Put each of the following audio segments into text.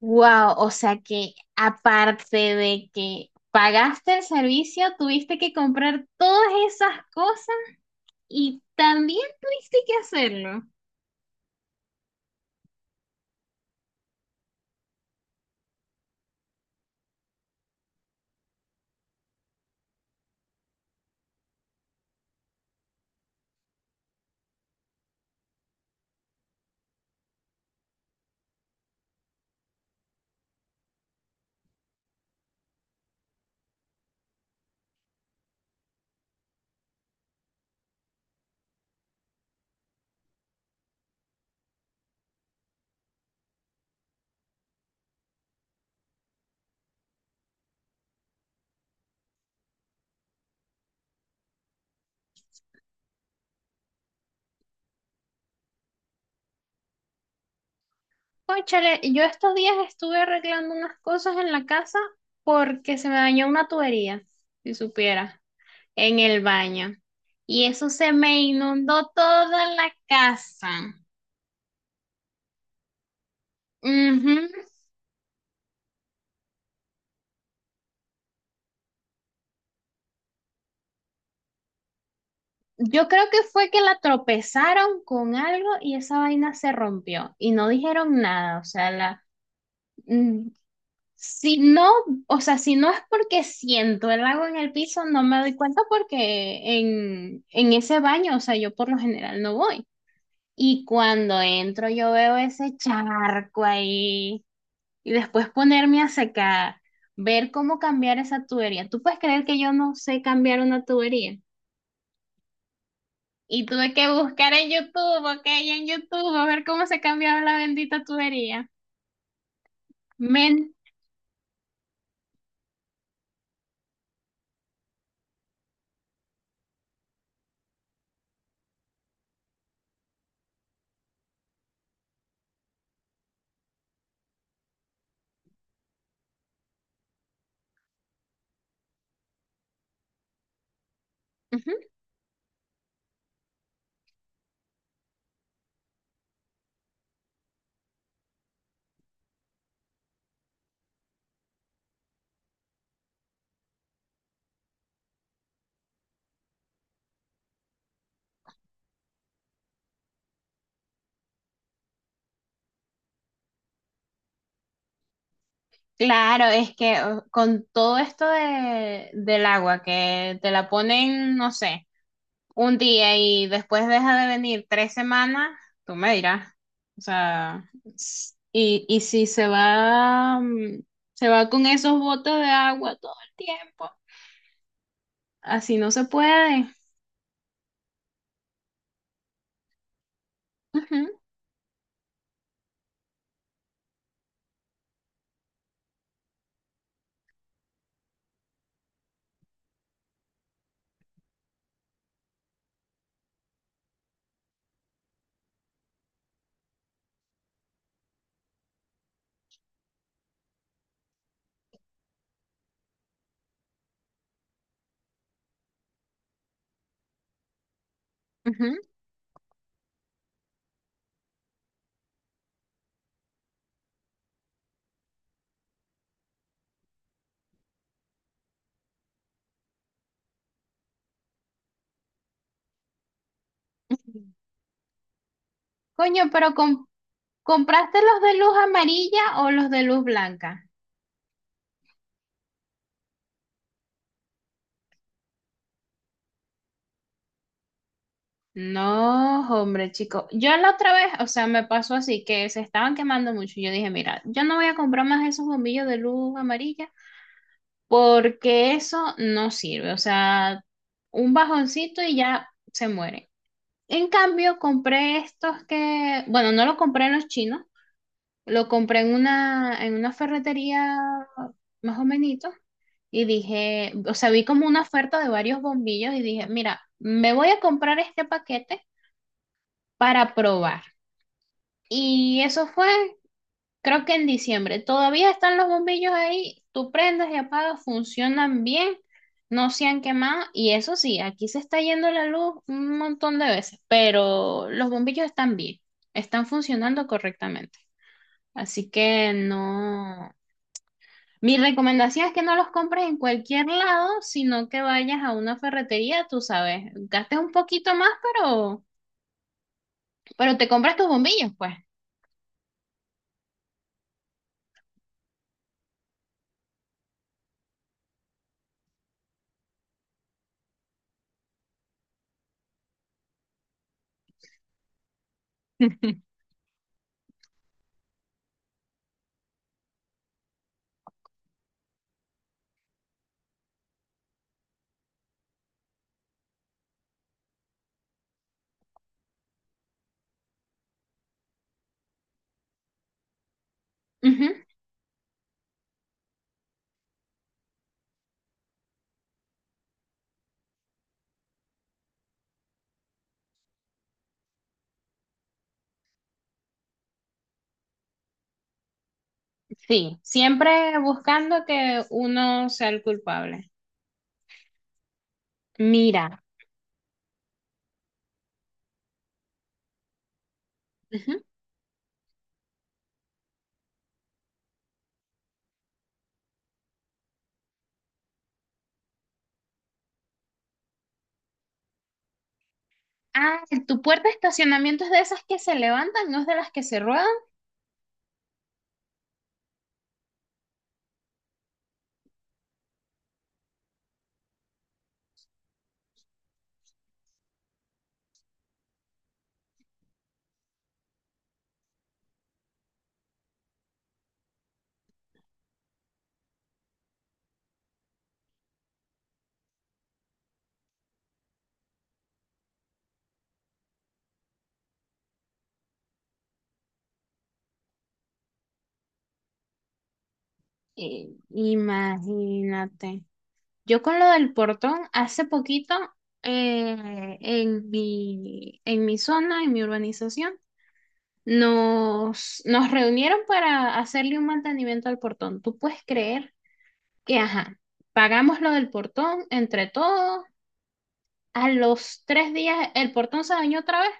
Wow, o sea que aparte de que pagaste el servicio, tuviste que comprar todas esas cosas y también tuviste que hacerlo. Cónchale, yo estos días estuve arreglando unas cosas en la casa porque se me dañó una tubería, si supiera, en el baño. Y eso se me inundó toda la casa. Ujú. Yo creo que fue que la tropezaron con algo y esa vaina se rompió y no dijeron nada, o sea, la mm, si no, o sea, si no es porque siento el agua en el piso, no me doy cuenta porque en ese baño, o sea, yo por lo general no voy. Y cuando entro yo veo ese charco ahí y después ponerme a secar, ver cómo cambiar esa tubería. ¿Tú puedes creer que yo no sé cambiar una tubería? Y tuve que buscar en YouTube, ok, en YouTube, a ver cómo se cambiaba la bendita tubería. Men. Ujú. Claro, es que con todo esto de, del agua, que te la ponen, no sé, un día y después deja de venir tres semanas, tú me dirás. O sea, y si se va, se va con esos botes de agua todo el tiempo, así no se puede. Ujú, ujú. Coño, pero con ¿compraste los de luz amarilla o los de luz blanca? No, hombre, chico. Yo la otra vez, o sea, me pasó así que se estaban quemando mucho. Yo dije, mira, yo no voy a comprar más esos bombillos de luz amarilla porque eso no sirve. O sea, un bajoncito y ya se muere. En cambio, compré estos que, bueno, no lo compré en los chinos, lo compré en una ferretería más o menos y dije, o sea, vi como una oferta de varios bombillos y dije, mira, me voy a comprar este paquete para probar. Y eso fue, creo que en diciembre. Todavía están los bombillos ahí, tú prendes y apagas, funcionan bien, no se han quemado. Y eso sí, aquí se está yendo la luz un montón de veces, pero los bombillos están bien, están funcionando correctamente. Así que no. Mi recomendación es que no los compres en cualquier lado, sino que vayas a una ferretería, tú sabes, gastes un poquito más, pero te compras tus bombillos, pues. Ujú, sí, siempre buscando que uno sea el culpable. Mira. Ujú. Ah, tu puerta de estacionamiento es de esas que se levantan, no es de las que se ruedan. Imagínate. Yo con lo del portón, hace poquito, en mi zona, en mi urbanización, nos, nos reunieron para hacerle un mantenimiento al portón. ¿Tú puedes creer que, ajá, pagamos lo del portón entre todos? A los tres días el portón se dañó otra vez.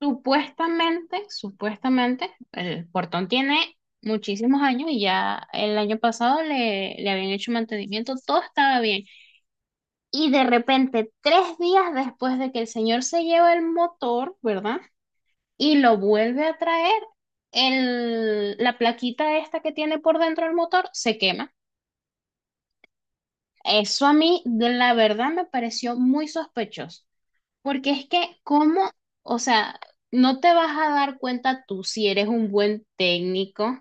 Supuestamente, supuestamente, el portón tiene muchísimos años y ya el año pasado le, le habían hecho mantenimiento, todo estaba bien. Y de repente, tres días después de que el señor se lleva el motor, ¿verdad? Y lo vuelve a traer, el, la plaquita esta que tiene por dentro el motor se quema. Eso a mí, de la verdad, me pareció muy sospechoso, porque es que, ¿cómo? O sea, no te vas a dar cuenta tú si eres un buen técnico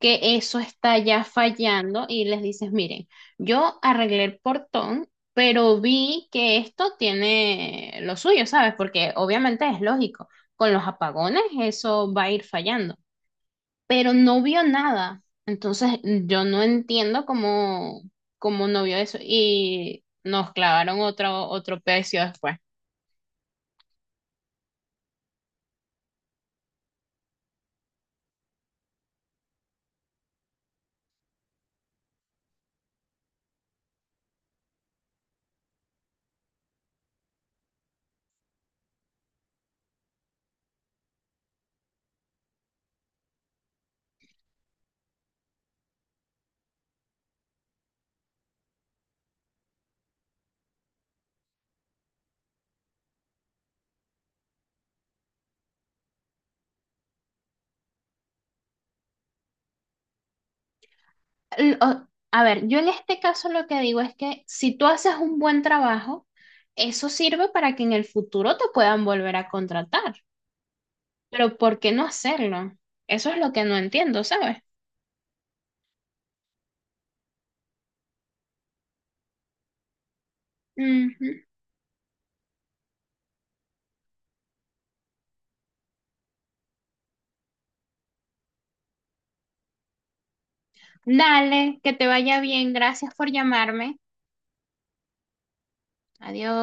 que eso está ya fallando y les dices, miren, yo arreglé el portón, pero vi que esto tiene lo suyo, ¿sabes? Porque obviamente es lógico, con los apagones eso va a ir fallando, pero no vio nada. Entonces yo no entiendo cómo, cómo no vio eso y nos clavaron otro, otro precio después. A ver, yo en este caso lo que digo es que si tú haces un buen trabajo, eso sirve para que en el futuro te puedan volver a contratar. Pero ¿por qué no hacerlo? Eso es lo que no entiendo, ¿sabes? Ujú. Dale, que te vaya bien. Gracias por llamarme. Adiós.